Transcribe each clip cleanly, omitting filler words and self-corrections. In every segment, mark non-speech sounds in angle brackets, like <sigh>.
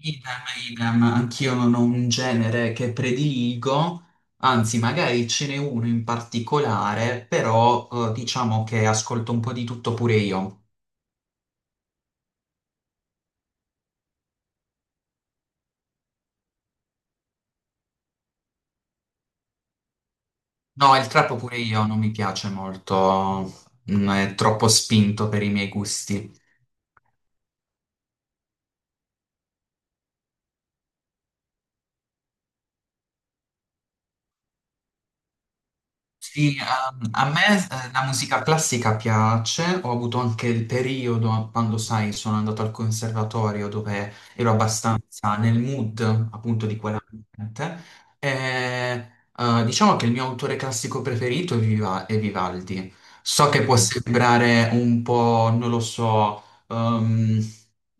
Idem, idem, anch'io non ho un genere che prediligo, anzi magari ce n'è uno in particolare, però diciamo che ascolto un po' di tutto pure io. No, il trap pure io non mi piace molto, è troppo spinto per i miei gusti. Sì, a me la musica classica piace, ho avuto anche il periodo quando, sai, sono andato al conservatorio dove ero abbastanza nel mood appunto di quell'ambiente. E, diciamo che il mio autore classico preferito è è Vivaldi. So che può sembrare un po', non lo so,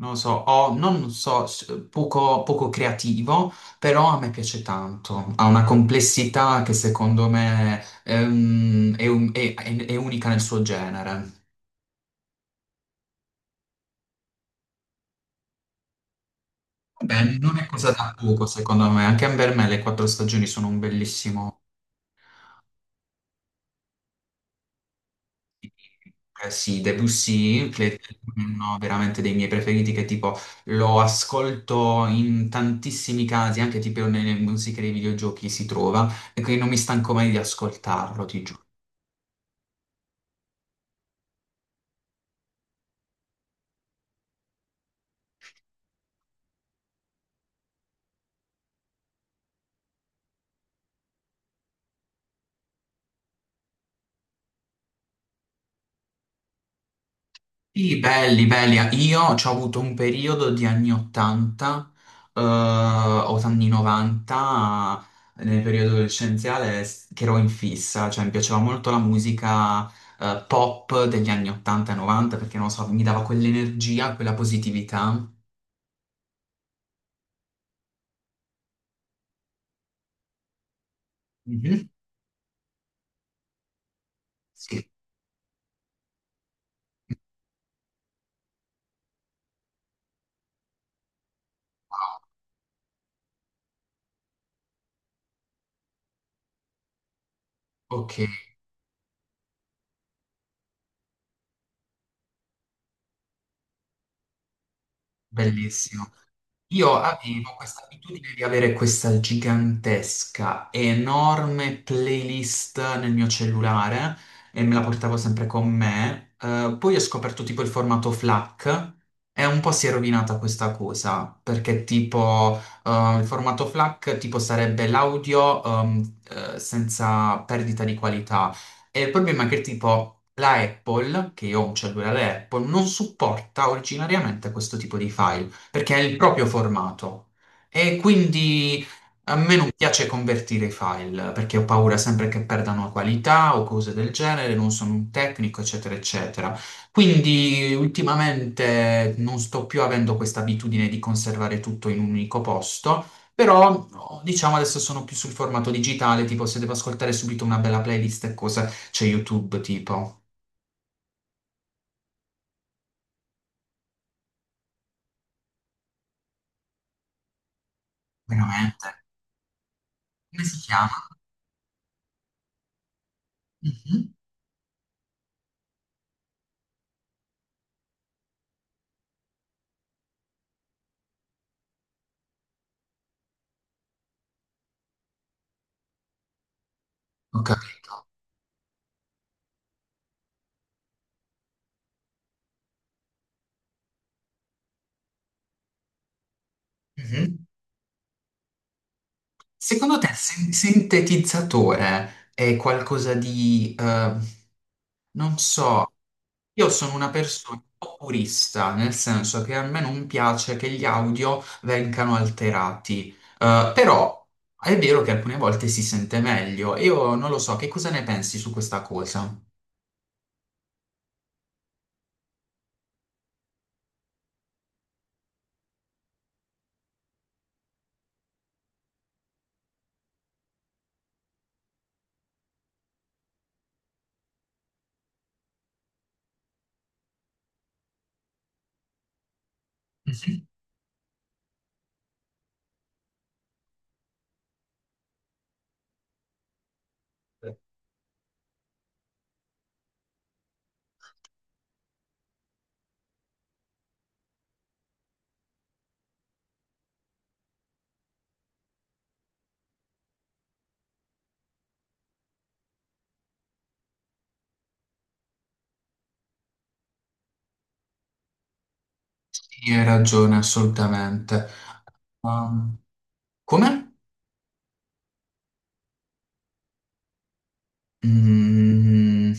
non lo so, o non so, poco poco creativo, però a me piace tanto, ha una complessità che secondo me. È, un- è unica nel suo genere. Beh, non è cosa da poco, secondo me. Anche per me le quattro stagioni sono un bellissimo. Eh sì, Debussy, che è uno veramente dei miei preferiti, che tipo lo ascolto in tantissimi casi, anche tipo nelle musiche dei videogiochi si trova, e quindi non mi stanco mai di ascoltarlo, ti giuro. Sì, belli, belli. Io ho avuto un periodo di anni 80, o anni 90, nel periodo adolescenziale, che ero in fissa, cioè mi piaceva molto la musica, pop degli anni 80 e 90, perché non lo so, mi dava quell'energia, quella positività. Mhm. Sì, wow, ok, bellissimo. Io avevo questa abitudine di avere questa gigantesca, enorme playlist nel mio cellulare e me la portavo sempre con me. Poi ho scoperto tipo il formato FLAC e un po' si è rovinata questa cosa, perché tipo il formato FLAC tipo sarebbe l'audio senza perdita di qualità. E il problema è che tipo la Apple, che io ho un cellulare Apple, non supporta originariamente questo tipo di file perché è il proprio formato, e quindi a me non piace convertire i file perché ho paura sempre che perdano qualità o cose del genere, non sono un tecnico, eccetera, eccetera. Quindi ultimamente non sto più avendo questa abitudine di conservare tutto in un unico posto. Però, diciamo, adesso sono più sul formato digitale, tipo se devo ascoltare subito una bella playlist e cose, c'è YouTube, tipo. Veramente? Come si chiama? Mhm. Ho capito. Mhm. Secondo te il sintetizzatore è qualcosa di, non so, io sono una persona un po' purista, nel senso che a me non piace che gli audio vengano alterati. Però è vero che alcune volte si sente meglio. Io non lo so, che cosa ne pensi su questa cosa? Mhm. Sì, hai ragione, assolutamente. Um, Come? Mm.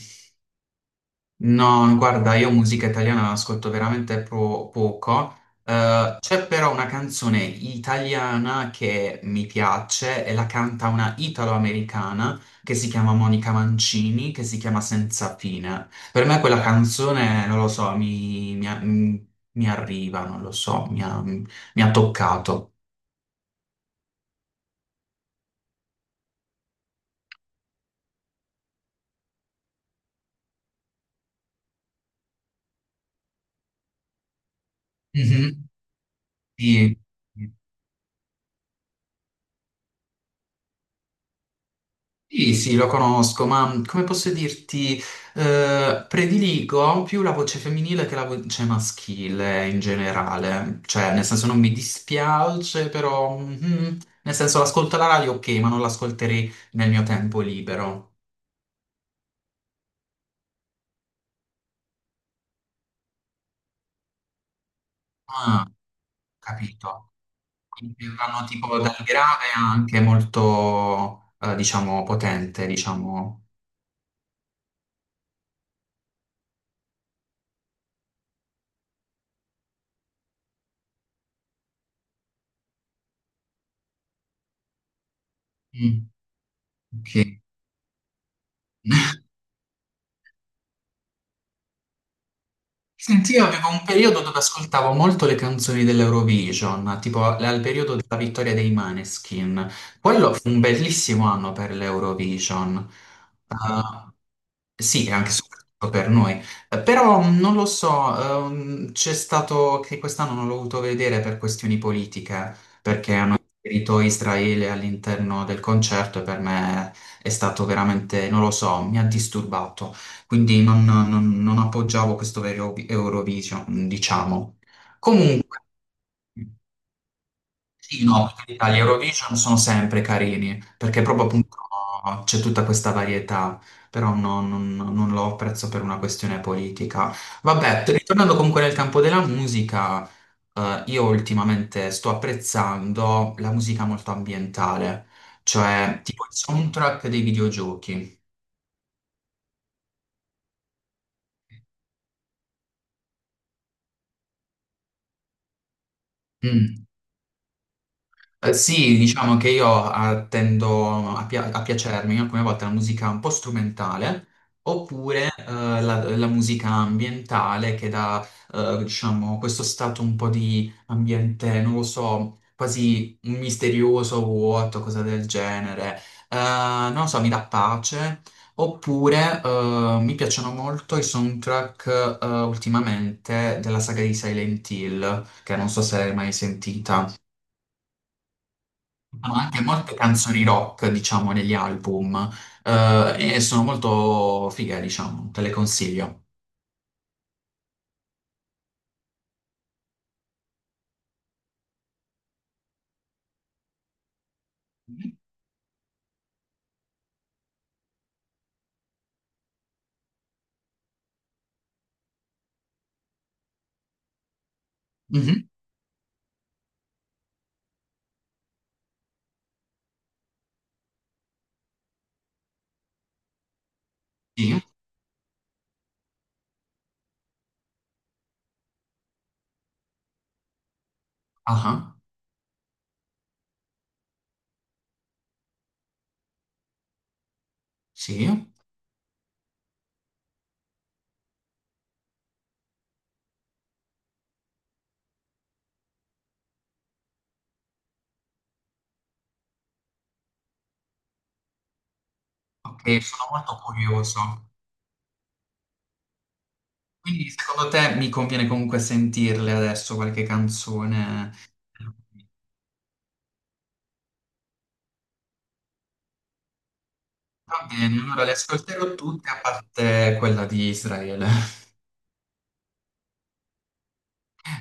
No, guarda, io musica italiana ascolto veramente poco. C'è però una canzone italiana che mi piace e la canta una italo-americana che si chiama Monica Mancini, che si chiama Senza fine. Per me quella canzone, non lo so, mi arriva, non lo so, mi ha toccato. Mhm. Sì. Sì, sì, lo conosco, ma come posso dirti, prediligo più la voce femminile che la voce maschile in generale. Cioè, nel senso non mi dispiace, però, nel senso, l'ascolto alla radio, ok, ma non l'ascolterei nel mio tempo libero. Ah, capito. Quindi vanno tipo dal grave anche molto, diciamo, potente, diciamo. Mm, ok. <laughs> Senti, io avevo un periodo dove ascoltavo molto le canzoni dell'Eurovision, tipo al periodo della vittoria dei Maneskin. Quello fu un bellissimo anno per l'Eurovision. Ah, sì, anche soprattutto per noi. Però non lo so, c'è stato che quest'anno non l'ho voluto vedere per questioni politiche, perché hanno inserito Israele all'interno del concerto e per me è stato veramente, non lo so, mi ha disturbato, quindi non appoggiavo questo vero Eurovision, diciamo. Comunque. Sì, no, perché gli Eurovision sono sempre carini, perché proprio appunto c'è tutta questa varietà, però non lo apprezzo per una questione politica. Vabbè, ritornando comunque nel campo della musica, io ultimamente sto apprezzando la musica molto ambientale, cioè tipo il soundtrack dei videogiochi. Mm. Sì, diciamo che io tendo a piacermi alcune volte la musica un po' strumentale oppure la musica ambientale che dà, diciamo, questo stato un po' di ambiente, non lo so, quasi misterioso, vuoto, cosa del genere. Non lo so, mi dà pace. Oppure mi piacciono molto i soundtrack ultimamente della saga di Silent Hill, che non so se l'hai mai sentita, ma anche molte canzoni rock, diciamo, negli album, e sono molto fighe, diciamo, te le consiglio. Mhm. Mhm. Sì, ah, sì, ok, sono molto curioso. Quindi secondo te mi conviene comunque sentirle adesso qualche canzone? Va bene, allora le ascolterò tutte a parte quella di Israele. <laughs>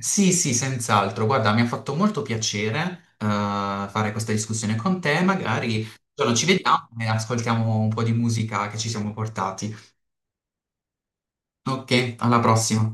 Sì, sì, senz'altro. Guarda, mi ha fatto molto piacere, fare questa discussione con te. Magari un giorno ci vediamo e ascoltiamo un po' di musica che ci siamo portati. Ok, alla prossima.